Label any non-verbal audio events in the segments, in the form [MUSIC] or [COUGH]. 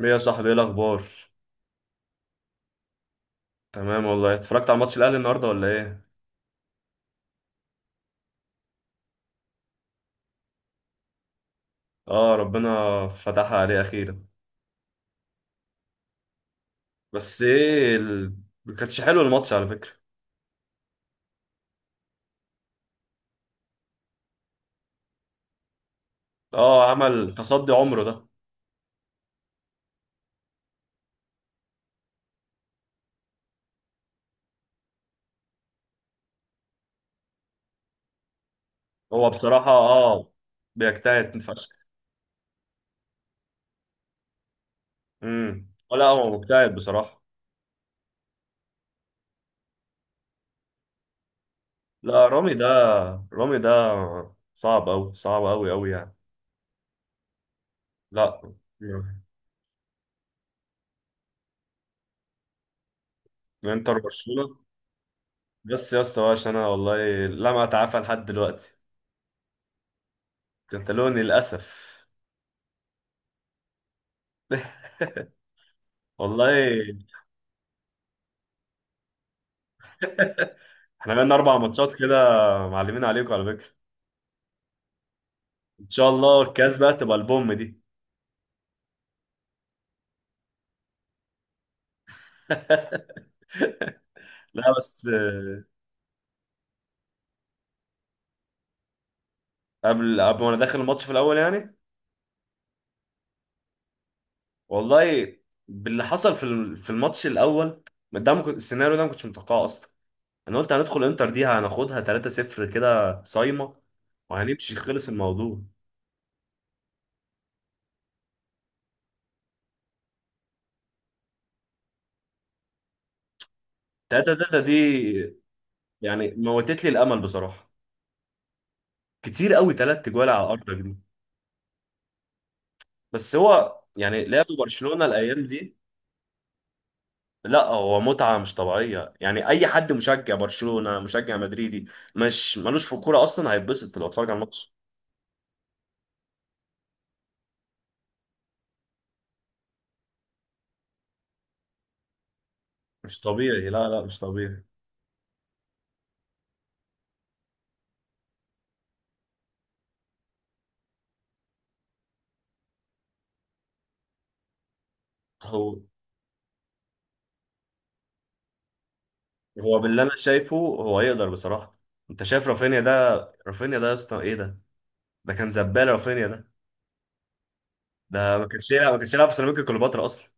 ايه يا صاحبي، ايه الاخبار؟ تمام والله. اتفرجت على ماتش الاهلي النهارده ولا ايه؟ اه، ربنا فتحها عليه اخيرا. بس ايه. ما كانش حلو الماتش على فكره. اه، عمل تصدي عمره ده. هو بصراحه بيجتهد فشخ. ولا هو مجتهد بصراحه. لا، رامي ده صعب قوي، صعب قوي قوي يعني. لا، انتر برشلونه. بس يا اسطى بقى، انا والله لم اتعافى لحد دلوقتي. كتالوني للاسف. [LAUGHS] والله احنا بقالنا 4 ماتشات كده، معلمين عليكم على فكره. ان شاء الله الكاس بقى تبقى البوم دي. [LAUGHS] لا بس قبل ما انا داخل الماتش في الاول يعني. والله، باللي حصل في الماتش الاول ده ما كنت- السيناريو ده ما كنتش متوقعه اصلا. انا قلت هندخل انتر دي، هناخدها 3-0 كده صايمه وهنمشي، خلص الموضوع. 3-3 دي يعني موتت لي الامل بصراحه، كتير قوي 3 جوال على ارضك دي. بس هو يعني لعبوا برشلونه الايام دي. لا، هو متعة مش طبيعية. يعني أي حد مشجع برشلونة مشجع مدريدي مش ملوش في الكورة أصلا هيتبسط لو اتفرج على الماتش. مش طبيعي، لا لا، مش طبيعي. هو هو باللي أنا شايفه، هو يقدر بصراحة. أنت شايف رافينيا ده؟ رافينيا ده يا اسطى إيه ده! ده كان زبالة رافينيا ده. ده ما كانش يلعب في سيراميكا كليوباترا أصلا.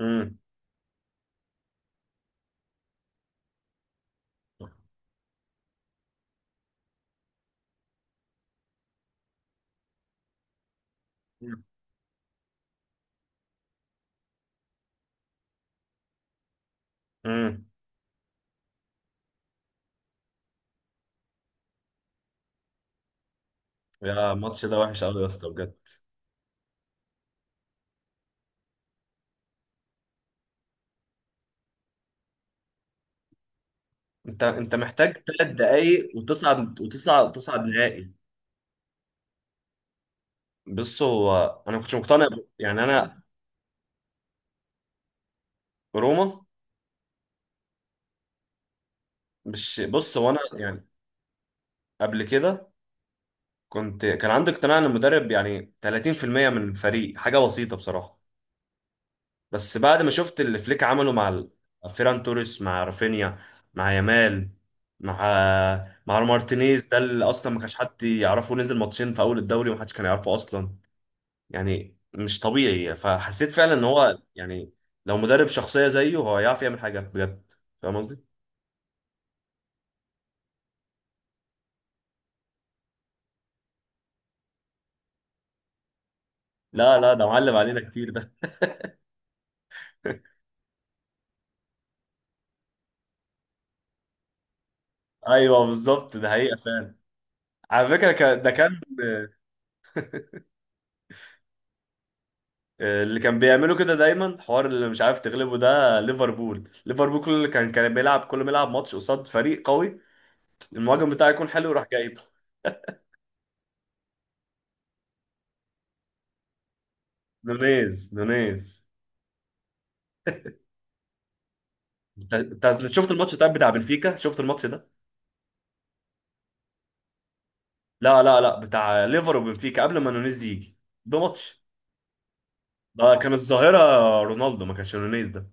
امم. امم. يا الماتش ده وحش قوي يا اسطى بجد. انت محتاج 3 دقايق وتصعد وتصعد وتصعد نهائي. بص هو، انا ما كنتش مقتنع يعني انا. روما، مش بص هو انا يعني، قبل كده كنت كان عندي اقتناع ان المدرب يعني 30% من الفريق، حاجه بسيطه بصراحه. بس بعد ما شفت اللي فليك عمله مع فيران توريس، مع رافينيا، مع يامال، مع مارتينيز ده اللي اصلا ما كانش حد يعرفه، نزل ماتشين في اول الدوري وما حدش كان يعرفه اصلا. يعني مش طبيعي، فحسيت فعلا ان هو يعني لو مدرب شخصيه زيه، هو هيعرف يعمل حاجه بجد. فاهم قصدي؟ لا لا، ده معلم علينا كتير ده. [LAUGHS] ايوه بالظبط، ده حقيقه فعلا. على فكره ده كان اللي كان بيعملوا كده دايما، حوار اللي مش عارف تغلبه ده ليفربول. كل اللي كان بيلعب، كل ما يلعب ماتش قصاد فريق قوي، المهاجم بتاعه يكون حلو يروح جايبه. نونيز، نونيز. انت أنت شفت الماتش طيب بتاع بنفيكا؟ شفت الماتش ده؟ لا لا لا، بتاع ليفر وبنفيكا قبل ما نونيز يجي. ده ماتش، ده كان الظاهره رونالدو، ما كانش نونيز ده.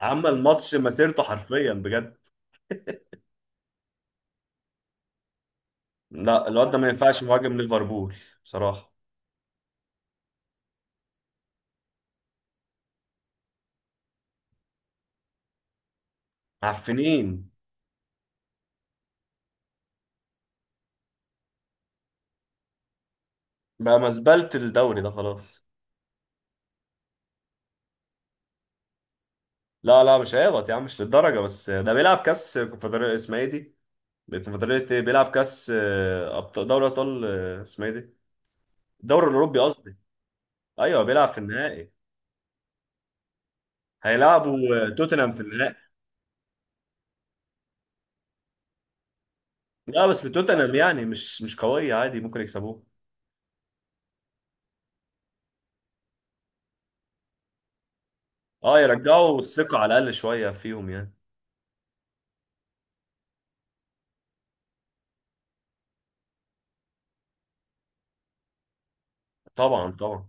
عمل ماتش مسيرته حرفيا بجد. لا، الواد ده ما ينفعش مهاجم ليفربول بصراحه. معفنين. بقى مزبلة الدوري ده خلاص. لا لا، مش هيهبط يا عم، مش للدرجة. بس ده بيلعب كاس كونفدرالية، اسمها ايه دي؟ الكونفدرالية ايه؟ بيلعب كاس أبطال، دوري أبطال. اسمها ايه دي؟ الدوري الأوروبي قصدي. ايوه، بيلعب في النهائي. هيلعبوا توتنهام في النهائي. لا بس توتنهام يعني مش قوية، عادي ممكن يكسبوه. اه، يرجعوا الثقة على الأقل شوية فيهم يعني. طبعا طبعا.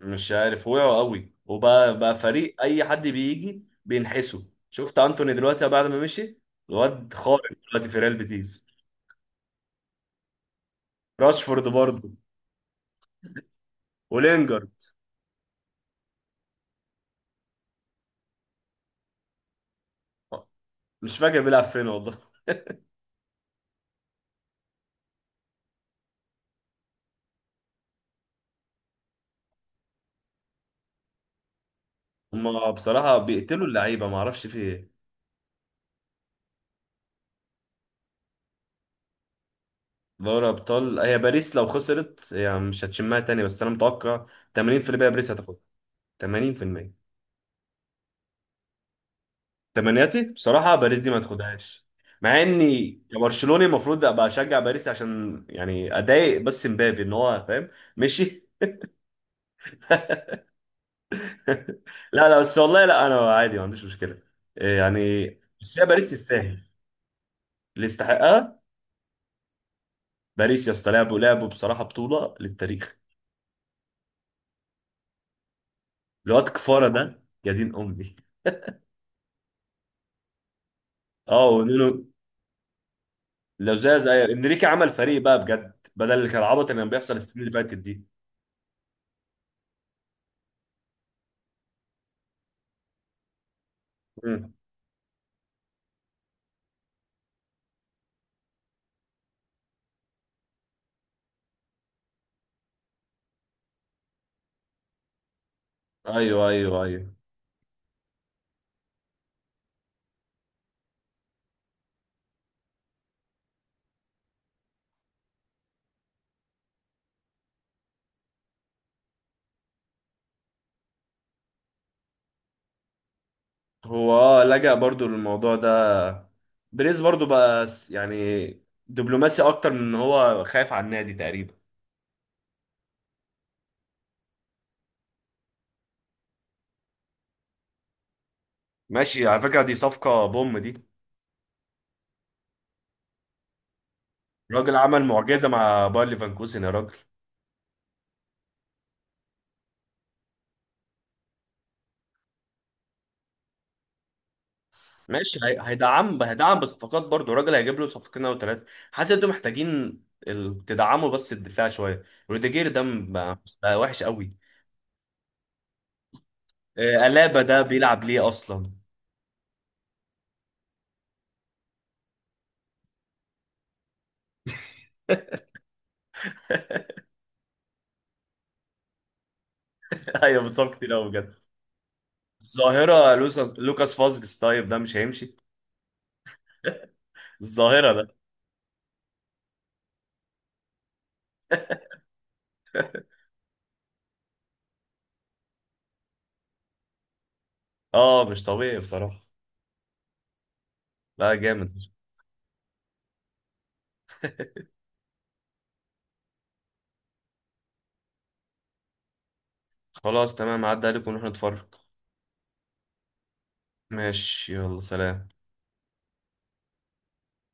مش عارف، وقعوا قوي وبقى فريق اي حد بيجي بينحسه. شفت انتوني دلوقتي بعد ما مشي؟ الواد خارق دلوقتي في ريال بيتيس. راشفورد برضه. ولينجارد. مش فاكر بيلعب فين والله. هما بصراحة بيقتلوا اللعيبة، ما اعرفش في ايه. دوري ابطال هي باريس، لو خسرت هي مش هتشمها تاني. بس انا متوقع 80% باريس هتاخدها. 80%. تمنياتي بصراحة باريس دي ما تاخدهاش. مع اني كبرشلوني المفروض ابقى اشجع باريس، عشان يعني اضايق بس مبابي ان هو فاهم، مشي. [LAUGHS] لا لا بس والله، لا انا عادي ما عنديش مشكلة. إيه يعني؟ بس هي باريس تستاهل، اللي يستحقها. باريس يا اسطى، لعبوا بصراحة بطولة للتاريخ. الواد كفارة ده يا دين امي. اه، ونونو. لو زي انريكي عمل فريق بقى بجد، بدل اللي كان العبط اللي كان بيحصل السنين اللي فاتت دي. مم. ايوه ايوه ايوه. هو لجأ برضو للموضوع ده. بريز برضو بقى يعني دبلوماسي اكتر من ان هو خايف على النادي تقريبا. ماشي، على فكرة دي صفقة بوم دي. الراجل عمل معجزة مع باير ليفركوزن يا راجل. ماشي، هيدعم بصفقات برضو. الراجل هيجيب له صفقتين او ثلاثة. حاسس انتوا محتاجين تدعموا بس الدفاع شوية. روديجير ده بقى وحش قوي. ألابا ده بيلعب ليه اصلا. [LAUGHS] ايوه، بتصاب كتير قوي بجد. الظاهرة لوكاس فازجس، طيب ده مش هيمشي. الظاهرة ده. اه، مش طبيعي بصراحة. لا، جامد. خلاص تمام، عدى عليكم ونروح نتفرج. ماشي، يلا سلام.